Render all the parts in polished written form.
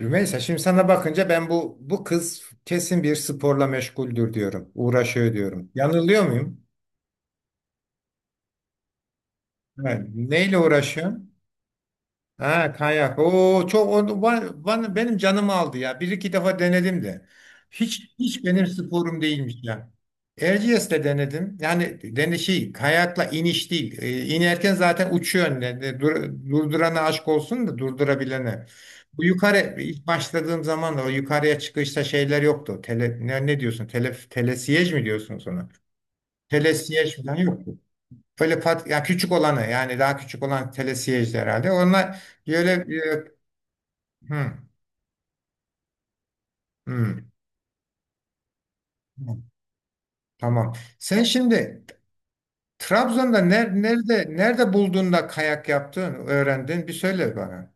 Rümeysa, şimdi sana bakınca ben bu kız kesin bir sporla meşguldür diyorum. Uğraşıyor diyorum. Yanılıyor muyum? Evet. Neyle uğraşıyor? Ha, kayak. O benim canımı aldı ya. Bir iki defa denedim de. Hiç benim sporum değilmiş ya. Erciyes'te denedim. Yani dene şey, kayakla iniş değil. İnerken zaten uçuyor önüne. Dur, durdurana aşk olsun da durdurabilene. Bu yukarı ilk başladığım zaman da o yukarıya çıkışta şeyler yoktu. Tele, ne diyorsun? Telesiyej mi diyorsun sonra? Telesiyej falan yoktu. Böyle pat, ya küçük olanı, yani daha küçük olan telesiyejdi herhalde. Onlar böyle e, hı, hı. Tamam. Sen şimdi Trabzon'da nerede bulduğunda kayak yaptın, öğrendin? Bir söyle bana.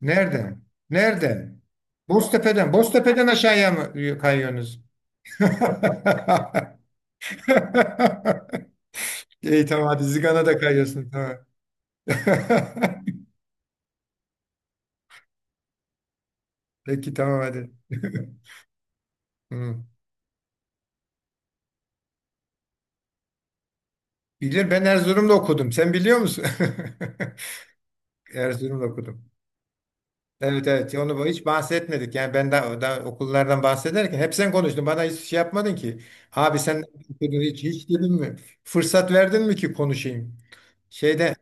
Nereden? Nereden? Boztepe'den. Boztepe'den aşağıya mı kayıyorsunuz? İyi, tamam, hadi Zigan'a da kayıyorsun, tamam. Peki tamam hadi. Hı. Bilir, ben Erzurum'da okudum. Sen biliyor musun? Erzurum'da okudum. Evet, evet, onu hiç bahsetmedik. Yani ben daha, okullardan bahsederken hep sen konuştun. Bana hiç şey yapmadın ki. Abi sen ne okudun hiç dedin mi? Fırsat verdin mi ki konuşayım? Şeyde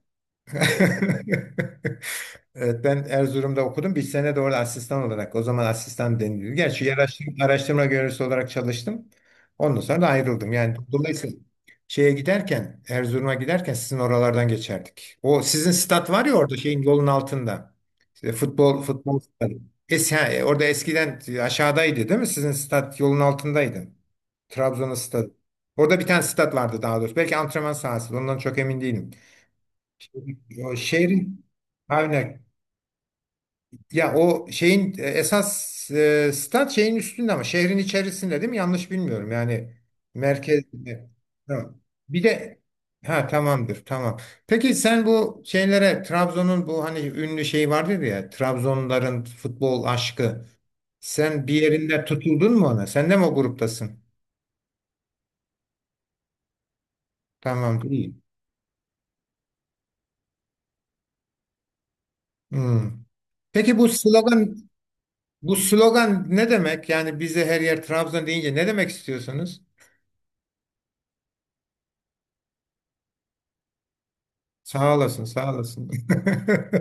evet, ben Erzurum'da okudum. Bir sene de orada asistan olarak. O zaman asistan deniliyor. Gerçi yer araştırma görevlisi olarak çalıştım. Ondan sonra da ayrıldım. Yani dolayısıyla şeye giderken, Erzurum'a giderken sizin oralardan geçerdik. O sizin stat var ya orada şeyin, yolun altında. İşte futbol stadı. Ha, orada eskiden aşağıdaydı değil mi? Sizin stat yolun altındaydı. Trabzon'un stadı. Orada bir tane stat vardı daha doğrusu. Belki antrenman sahası. Ondan çok emin değilim. O şehrin aynen, ya o şeyin esas stat şeyin üstünde ama şehrin içerisinde değil mi? Yanlış bilmiyorum. Yani merkez. Tamam. Bir de, ha, tamamdır. Tamam. Peki sen bu şeylere, Trabzon'un bu hani ünlü şey vardır ya, Trabzonların futbol aşkı. Sen bir yerinde tutuldun mu ona? Sen de mi o gruptasın? Tamam. İyi. Hmm. Peki bu slogan ne demek? Yani bize her yer Trabzon deyince ne demek istiyorsunuz? Sağ olasın, sağ olasın.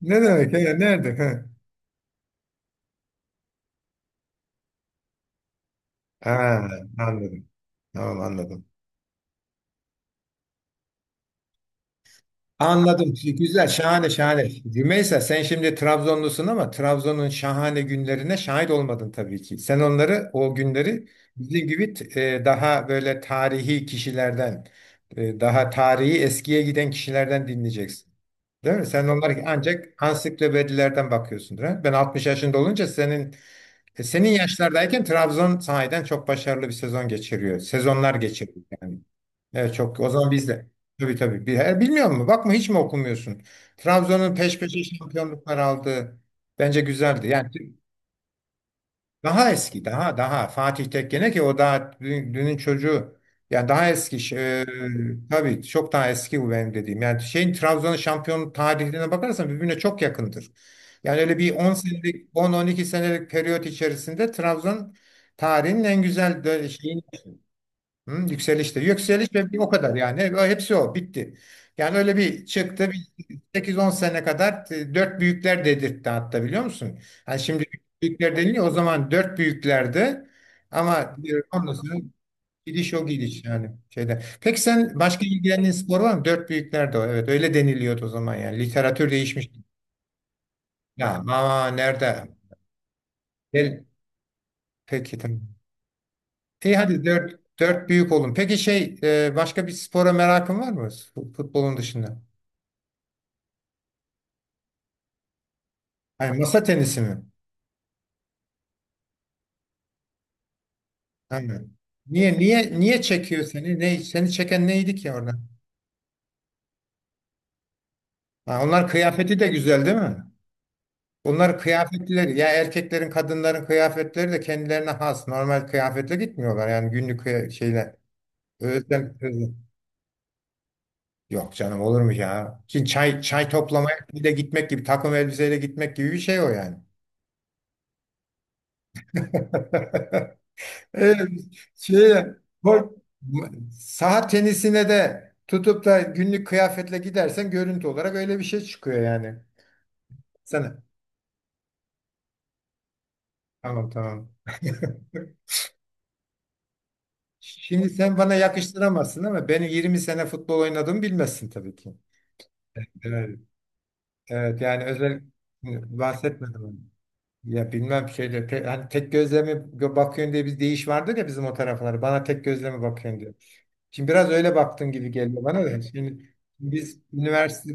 Ne demek ya? Nerede? Ha. Ha, anladım. Tamam, anladım. Anladım. Güzel, şahane, şahane. Rümeysa, sen şimdi Trabzonlusun ama Trabzon'un şahane günlerine şahit olmadın tabii ki. Sen onları, o günleri bizim gibi daha böyle tarihi kişilerden, daha tarihi eskiye giden kişilerden dinleyeceksin. Değil mi? Sen onları ancak ansiklopedilerden bakıyorsundur. Ha? Ben 60 yaşında olunca senin senin yaşlardayken Trabzon sahiden çok başarılı bir sezon geçiriyor. Sezonlar geçiriyor yani. Evet, çok. O zaman biz de. Tabii, tabii. Bilmiyor musun? Bakma, hiç mi okumuyorsun? Trabzon'un peş peşe şampiyonluklar aldığı bence güzeldi. Yani daha eski, daha Fatih Tekkene ki, o daha dünün çocuğu. Yani daha eski tabii çok daha eski bu benim dediğim. Yani şeyin, Trabzon'un şampiyon tarihine bakarsan birbirine çok yakındır. Yani öyle bir 10 senelik, 10-12 senelik periyot içerisinde Trabzon tarihinin en güzel şeyini. Hı, yükselişte. Yükseliş ve bir o kadar yani. Hepsi o. Bitti. Yani öyle bir çıktı. Bir 8-10 sene kadar dört büyükler dedirtti, hatta biliyor musun? Yani şimdi büyükler deniliyor. O zaman dört büyüklerdi. Ama ondan sonra gidiş o gidiş yani şeyde. Peki sen başka ilgilendiğin spor var mı? Dört büyükler de o. Evet, öyle deniliyordu o zaman yani. Literatür değişmiş. Ya ama nerede? Gel. Peki tamam. İyi, hadi dört büyük olun. Peki şey, başka bir spora merakın var mı? Futbolun dışında. Hani masa tenisi mi? Aynen. Niye çekiyor seni? Ne, seni çeken neydi ki orada? Ha, onlar kıyafeti de güzel değil mi? Onlar kıyafetleri, ya erkeklerin, kadınların kıyafetleri de kendilerine has, normal kıyafetle gitmiyorlar yani, günlük şeyle. Özel, özel. Yok canım, olur mu ya? Şimdi çay toplamaya bir de gitmek gibi, takım elbiseyle gitmek gibi bir şey o yani. Evet, şey, bu, saha tenisine de tutup da günlük kıyafetle gidersen görüntü olarak öyle bir şey çıkıyor yani. Sana. Tamam, tamam. Şimdi sen bana yakıştıramazsın ama beni 20 sene futbol oynadığımı bilmezsin tabii ki. Evet, evet, yani özel bahsetmedim. Ya bilmem şeyde, te, hani tek gözle mi gö- bakıyorsun diye bir deyiş vardır ya bizim o taraflara. Bana tek gözle mi bakıyorsun diyor. Şimdi biraz öyle baktığın gibi geliyor bana da. Şimdi biz üniversite.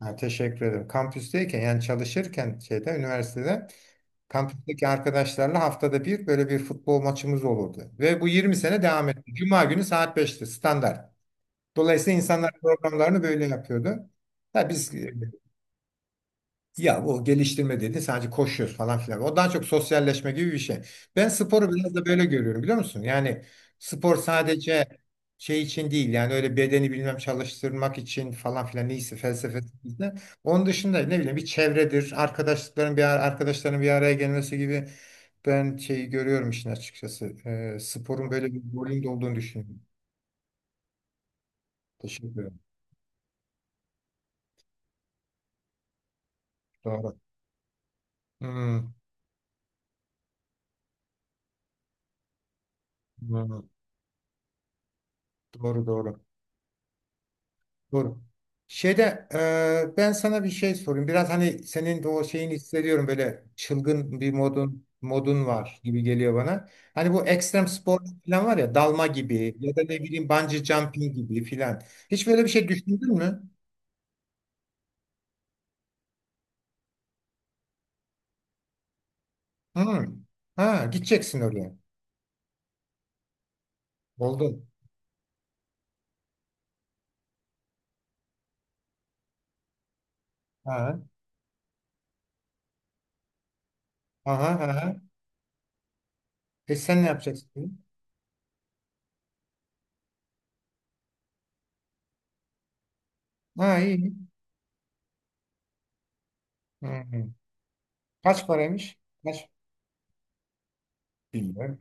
Ha, teşekkür ederim. Kampüsteyken, yani çalışırken şeyde, üniversitede kampüsteki arkadaşlarla haftada bir böyle bir futbol maçımız olurdu. Ve bu 20 sene devam etti. Cuma günü saat beşti standart. Dolayısıyla insanlar programlarını böyle yapıyordu. Da biz, ya bu geliştirme dedi, sadece koşuyoruz falan filan. O daha çok sosyalleşme gibi bir şey. Ben sporu biraz da böyle görüyorum biliyor musun? Yani spor sadece şey için değil yani, öyle bedeni bilmem çalıştırmak için falan filan, neyse felsefesi. De. Onun dışında ne bileyim, bir çevredir, arkadaşlıkların bir arkadaşların bir araya gelmesi gibi ben şeyi görüyorum işin açıkçası. Sporun böyle bir rolünde olduğunu düşünüyorum. Teşekkür ederim. Doğru. Hmm, hmm. Doğru, doğru. Doğru. Şeyde, ben sana bir şey sorayım. Biraz hani senin de o şeyini hissediyorum, böyle çılgın bir modun var gibi geliyor bana. Hani bu ekstrem spor falan var ya, dalma gibi ya da ne bileyim bungee jumping gibi falan. Hiç böyle bir şey düşündün mü? Hı. Ha, gideceksin oraya. Oldun. Ha. Aha, aha. E, sen ne yapacaksın? Ha, iyi. Hı hı. Kaç paraymış? Kaç? Bilmiyorum.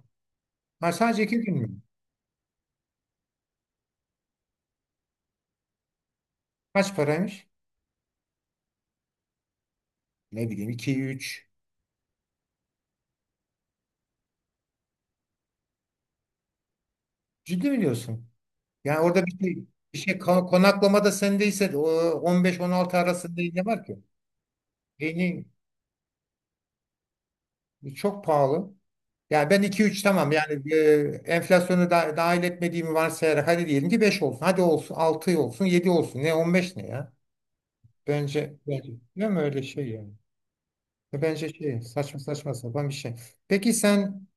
Ha, sadece 2 gün mü? Kaç paraymış? Ne bileyim, iki üç. Ciddi mi diyorsun? Yani orada bir şey, konaklama da sendeyse de, o 15-16 arasında ne var ki? Beyni çok pahalı. Yani ben iki üç tamam yani, enflasyonu da dahil etmediğimi varsayarak, hadi diyelim ki 5 olsun. Hadi olsun 6 olsun, 7 olsun. Ne 15, ne ya? Bence, değil mi, öyle şey yani? Bence şey, saçma sapan bir şey. Peki sen,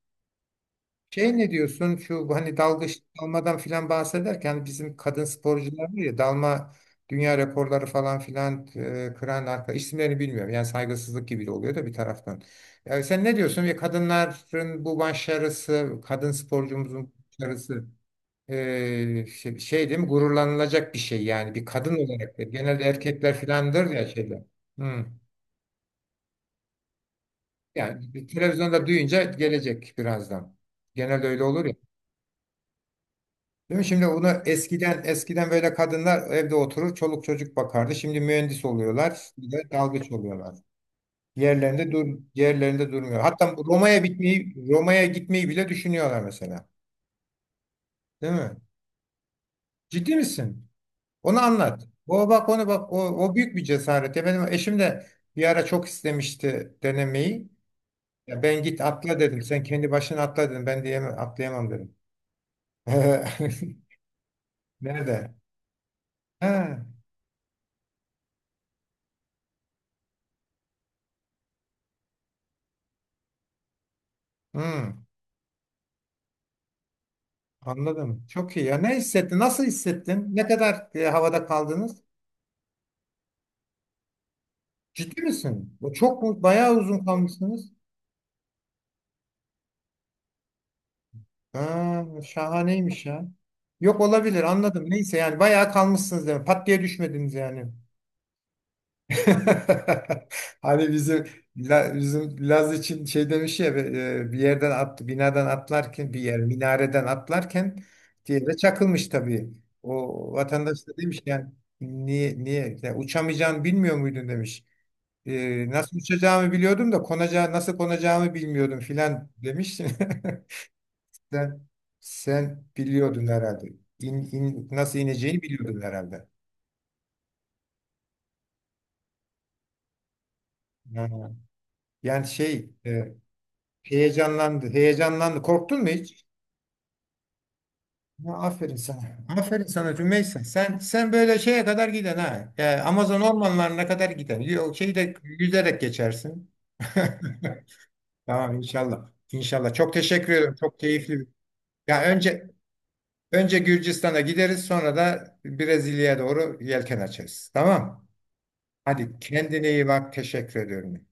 şey, ne diyorsun, şu hani dalgıç dalmadan filan bahsederken, bizim kadın sporcular var ya, dalma dünya rekorları falan filan, kıran arka isimlerini bilmiyorum. Yani saygısızlık gibi de oluyor da bir taraftan. Yani sen ne diyorsun, ve kadınların bu başarısı, kadın sporcumuzun başarısı değil mi gururlanılacak bir şey yani, bir kadın olarak da genelde erkekler filandır ya şeyler. Hmm. Yani bir, televizyonda duyunca gelecek birazdan. Genelde öyle olur ya. Değil mi? Şimdi bunu eskiden böyle kadınlar evde oturur, çoluk çocuk bakardı. Şimdi mühendis oluyorlar, bir de dalgıç oluyorlar. Yerlerinde dur yerlerinde durmuyor. Hatta bu Roma'ya gitmeyi bile düşünüyorlar mesela. Değil mi? Ciddi misin? Onu anlat. O bak, onu bak, o büyük bir cesaret. Ya benim eşim de bir ara çok istemişti denemeyi. Ya ben, git atla dedim. Sen kendi başına atla dedim. Ben diyemem, atlayamam dedim. Nerede? Ha. Hmm. Anladım. Çok iyi ya. Ne hissettin? Nasıl hissettin? Ne kadar havada kaldınız? Ciddi misin? Bu çok mu? Bayağı uzun kalmışsınız. Ha, şahaneymiş ya. Yok, olabilir, anladım. Neyse, yani bayağı kalmışsınız demek. Pat diye düşmediniz yani. Hani bizim, bizim Laz için şey demiş ya, bir yerden attı, binadan atlarken, bir yer minareden atlarken diye de çakılmış tabii. O vatandaş da demiş yani, niye yani uçamayacağını bilmiyor muydun demiş. Nasıl uçacağımı biliyordum da konacağı, nasıl konacağımı bilmiyordum filan demiştin. Sen, sen biliyordun herhalde. Nasıl ineceğini biliyordun herhalde. Ha. Yani şey, heyecanlandı. Korktun mu hiç? Ha, aferin sana. Aferin sana Rümeysa. Sen böyle şeye kadar giden, ha. E, Amazon ormanlarına kadar giden. Yok, şeyde yüzerek geçersin. Tamam, inşallah. İnşallah. Çok teşekkür ederim. Çok keyifli. Ya önce Önce Gürcistan'a gideriz, sonra da Brezilya'ya doğru yelken açarız. Tamam. Hadi, kendine iyi bak. Teşekkür ediyorum.